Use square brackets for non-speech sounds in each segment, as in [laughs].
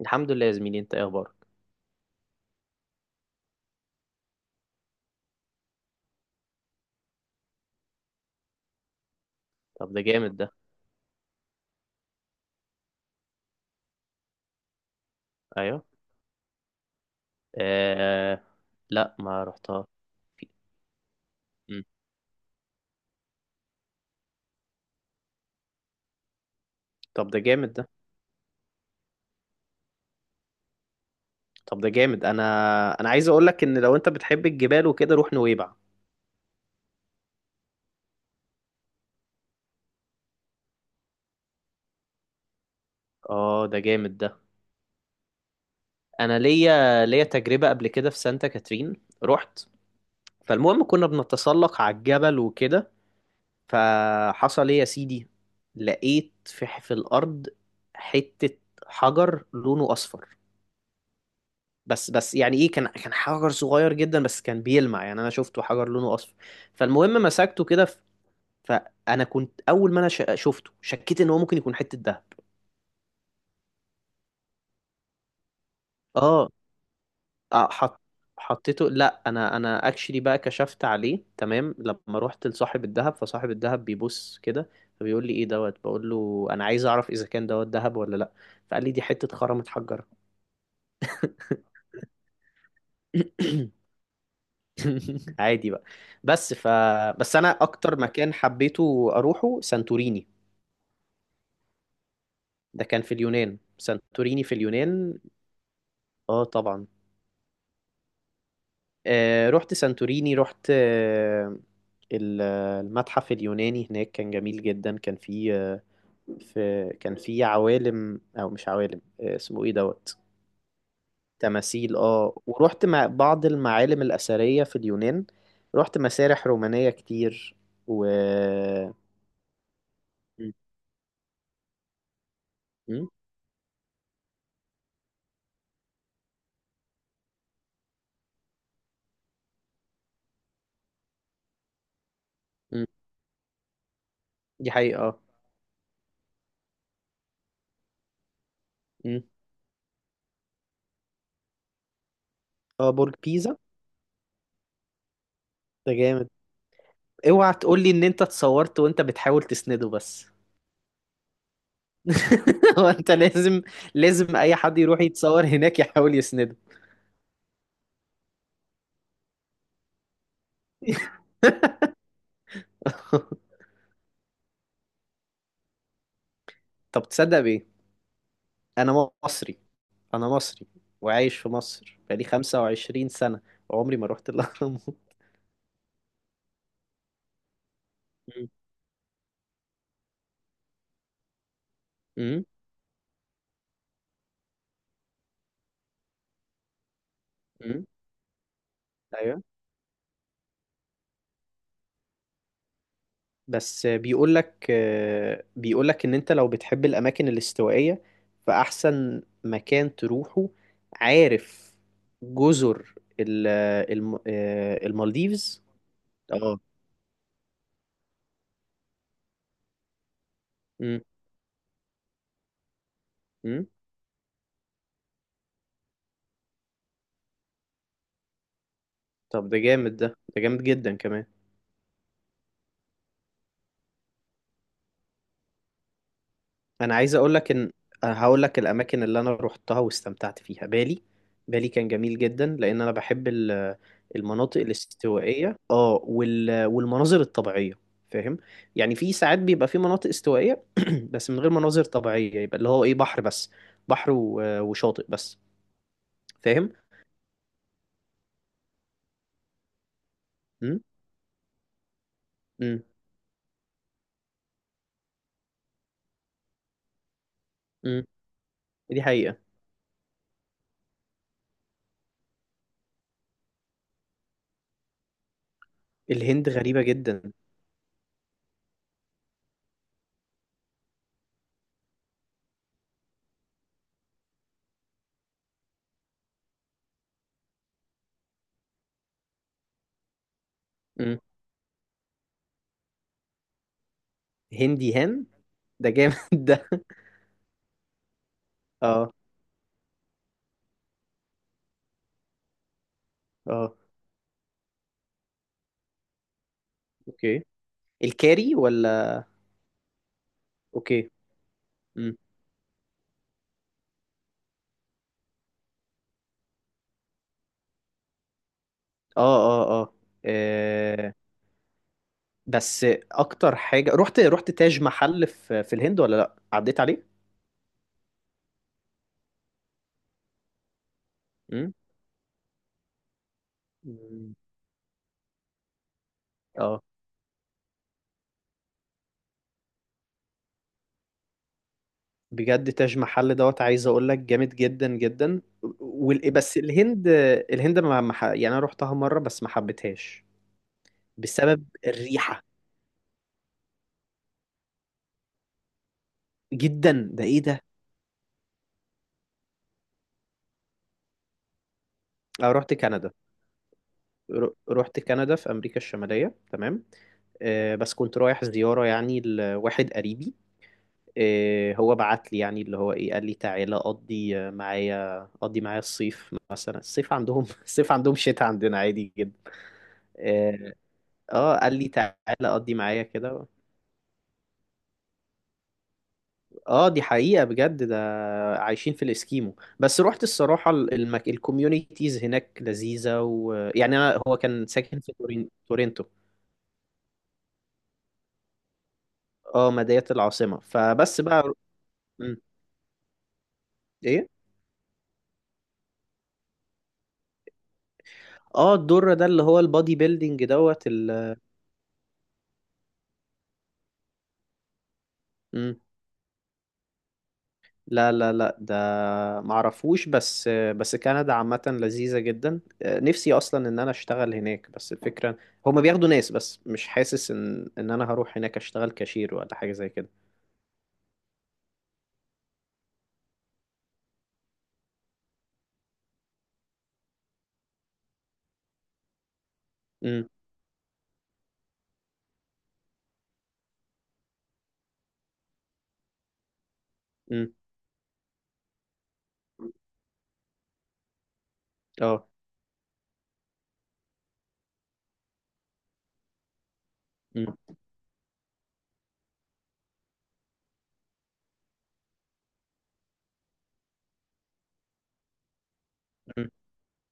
الحمد لله يا زميلي، انت ايه اخبارك؟ طب ده جامد ده. ايوه. آه. لا، ما رحتها. مم. طب ده جامد ده. طب ده جامد انا انا عايز اقول لك ان لو انت بتحب الجبال وكده روح نويبع. اه، ده جامد ده. انا ليا تجربة قبل كده في سانتا كاترين. رحت، فالمهم كنا بنتسلق على الجبل وكده. فحصل ايه يا سيدي؟ لقيت في الارض حتة حجر لونه اصفر. بس يعني ايه، كان حجر صغير جدا بس كان بيلمع، يعني انا شفته حجر لونه اصفر. فالمهم مسكته كده فانا كنت اول ما انا شفته شكيت ان هو ممكن يكون حته دهب. اه. آه، حط حطيته. لا، انا اكشلي بقى كشفت عليه تمام لما رحت لصاحب الذهب، فصاحب الذهب بيبص كده، فبيقول لي ايه دوت، بقول له انا عايز اعرف اذا كان دوت ذهب ولا لا. فقال لي دي حته خرم اتحجرت. [coughs] [laughs] عادي بقى. بس ف بس انا اكتر مكان حبيته اروحه سانتوريني. ده كان في اليونان، سانتوريني في اليونان. اه، طبعا. رحت سانتوريني، رحت آه المتحف اليوناني هناك كان جميل جدا، كان فيه آه، في كان فيه عوالم، او مش عوالم، اسمه ايه دوت. تماثيل، ورحت مع بعض المعالم الأثرية في اليونان. رحت مسارح رومانية كتير و م- م- دي حقيقة. اه مم. اه، برج بيزا. ده جامد. اوعى تقول لي ان انت اتصورت وانت بتحاول تسنده بس. [laughs] هو انت لازم، لازم اي حد يروح يتصور هناك يحاول يسنده. [laughs] طب تصدق بيه؟ انا مصري، انا مصري، وعايش في مصر بقالي 25 سنة وعمري ما رحت الاهرامات. مم. مم. مم. بس بيقول لك ان انت لو بتحب الاماكن الاستوائيه فاحسن مكان تروحه، عارف، جزر المالديفز. اه. امم. امم. طب ده جامد ده جامد جدا كمان. انا عايز اقول لك ان، هقول لك الاماكن اللي انا روحتها واستمتعت فيها: بالي. بالي كان جميل جدا لان انا بحب المناطق الاستوائيه، والمناظر الطبيعيه. فاهم؟ يعني في ساعات بيبقى في مناطق استوائيه [clears throat] بس من غير مناظر طبيعيه، يبقى اللي هو ايه، بحر بس، بحر وشاطئ بس. فاهم؟ امم. امم. امم. دي حقيقه. الهند غريبه جدا. امم. هندي هان. ده جامد. [laughs] ده اه. اه. اوكي. الكاري ولا؟ اوكي. إمم. اه اه اه آه، بس اكتر حاجه، رحت تاج محل في الهند، ولا لا، عديت عليه. امم. مم. اه، بجد تاج محل دوت عايز اقول لك جامد جدا جدا. بس الهند، الهند ما ما ح- يعني انا رحتها مره بس ما حبيتهاش بسبب الريحه. جدا، ده ايه ده. اه، رحت كندا. رحت كندا في امريكا الشماليه، تمام. آه، بس كنت رايح زياره يعني لواحد قريبي. إيه، هو بعت لي يعني اللي هو ايه، قال لي تعالى قضي معايا، قضي معايا الصيف، مثلا الصيف عندهم [laughs] الصيف عندهم شتاء عندنا عادي جدا. إيه. اه، قال لي تعالى قضي معايا كده. اه، دي حقيقة بجد ده. عايشين في الاسكيمو. بس رحت الصراحة، الكوميونيتيز هناك لذيذة، ويعني انا هو كان ساكن في تورنتو. اه، مدينة العاصمة، فبس بقى. مم. ايه. اه، الدور ده اللي هو البادي بيلدينج دوت مم. لا، لا، لا، ده معرفوش. بس كندا عامة لذيذة جدا، آه، نفسي أصلا إن أنا أشتغل هناك، بس الفكرة هما بياخدوا ناس بس مش حاسس إن أنا هروح هناك أشتغل كاشير ولا حاجة زي كده. أمم. أمم. أه. أمم. أمم.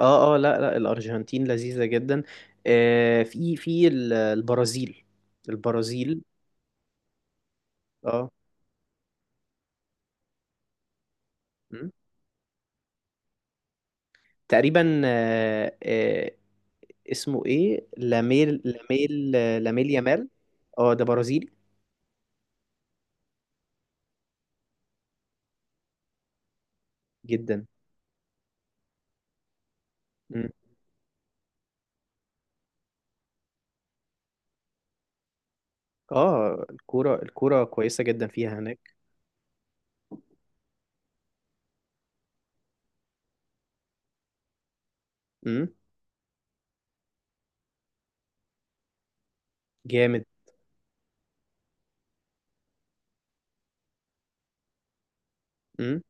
أه، أه. لا، لا، الأرجنتين لذيذة جدا. في البرازيل. البرازيل. أه. أمم. تقريبا، اسمه إيه، لاميل لاميل يامال. أه، ده برازيلي جدا. مم. اه، الكورة كويسة جدا فيها هناك. مم. جامد. مم.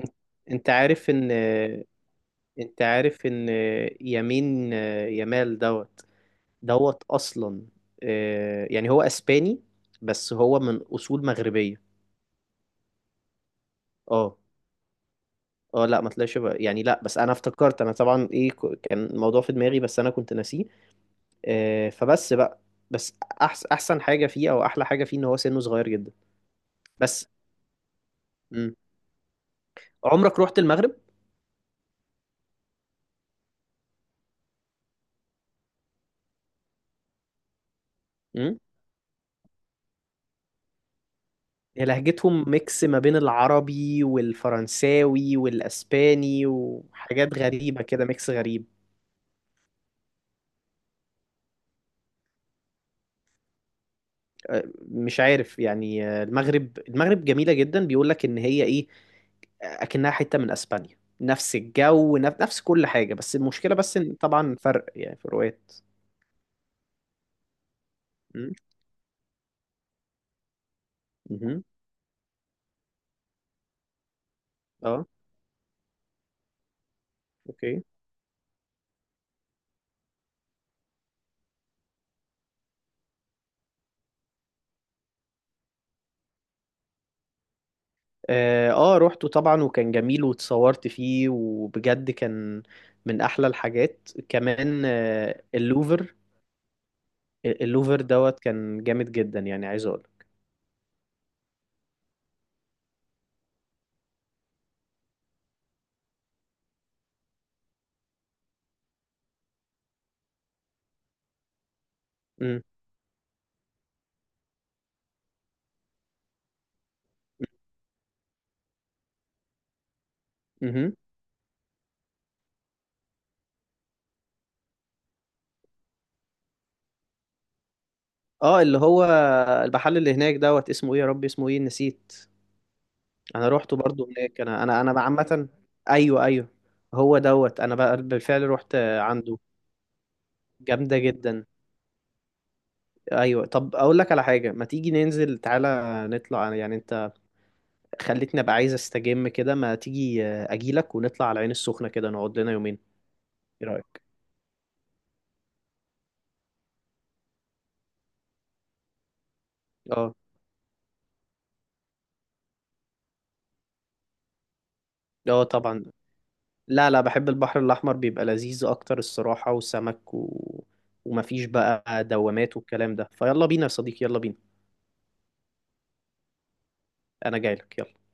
انت أنت عارف ان انت عارف ان يمين يمال دوت، دوت اصلا، آه، يعني هو اسباني بس هو من اصول مغربية. اه. اه، لا، ما طلعش يعني، لا، بس انا افتكرت، انا طبعا ايه، كان الموضوع في دماغي بس انا كنت ناسيه. آه، فبس بقى. بس احسن حاجة فيه او احلى حاجة فيه ان هو سنه صغير جدا. بس. مم. عمرك رحت المغرب؟ هي لهجتهم ميكس ما بين العربي والفرنساوي والاسباني وحاجات غريبه كده، ميكس غريب. أه، مش عارف يعني، أه، المغرب، جميله جدا، بيقول لك ان هي ايه اكنها حته من اسبانيا، نفس الجو، نفس كل حاجه، بس المشكله، بس ان طبعا فرق يعني، فروقات. م- مهم. اه، اوكي. روحته طبعا وكان جميل واتصورت فيه وبجد كان من احلى الحاجات كمان، آه، اللوفر. اللوفر دوت كان جامد جدا، يعني عايز اقول. امم. امم. اه، اللي هو المحل اللي هناك دوت اسمه ايه، يا ربي اسمه ايه، نسيت. انا روحته برضو هناك، انا عامه. ايوه، ايوه. هو دوت انا بقى بالفعل رحت عنده. جامده جدا. ايوه، طب اقول لك على حاجه، ما تيجي ننزل، تعالى نطلع، يعني انت خليتني ابقى عايز استجم كده. ما تيجي اجيلك ونطلع على العين السخنه كده، نقعد لنا يومين. ايه رايك؟ اه. اه، طبعا. لا، لا، بحب البحر الأحمر، بيبقى لذيذ أكتر الصراحة، وسمك ومفيش بقى دوامات والكلام ده. فيلا بينا يا صديقي، يلا بينا. أنا جايلك، يلا.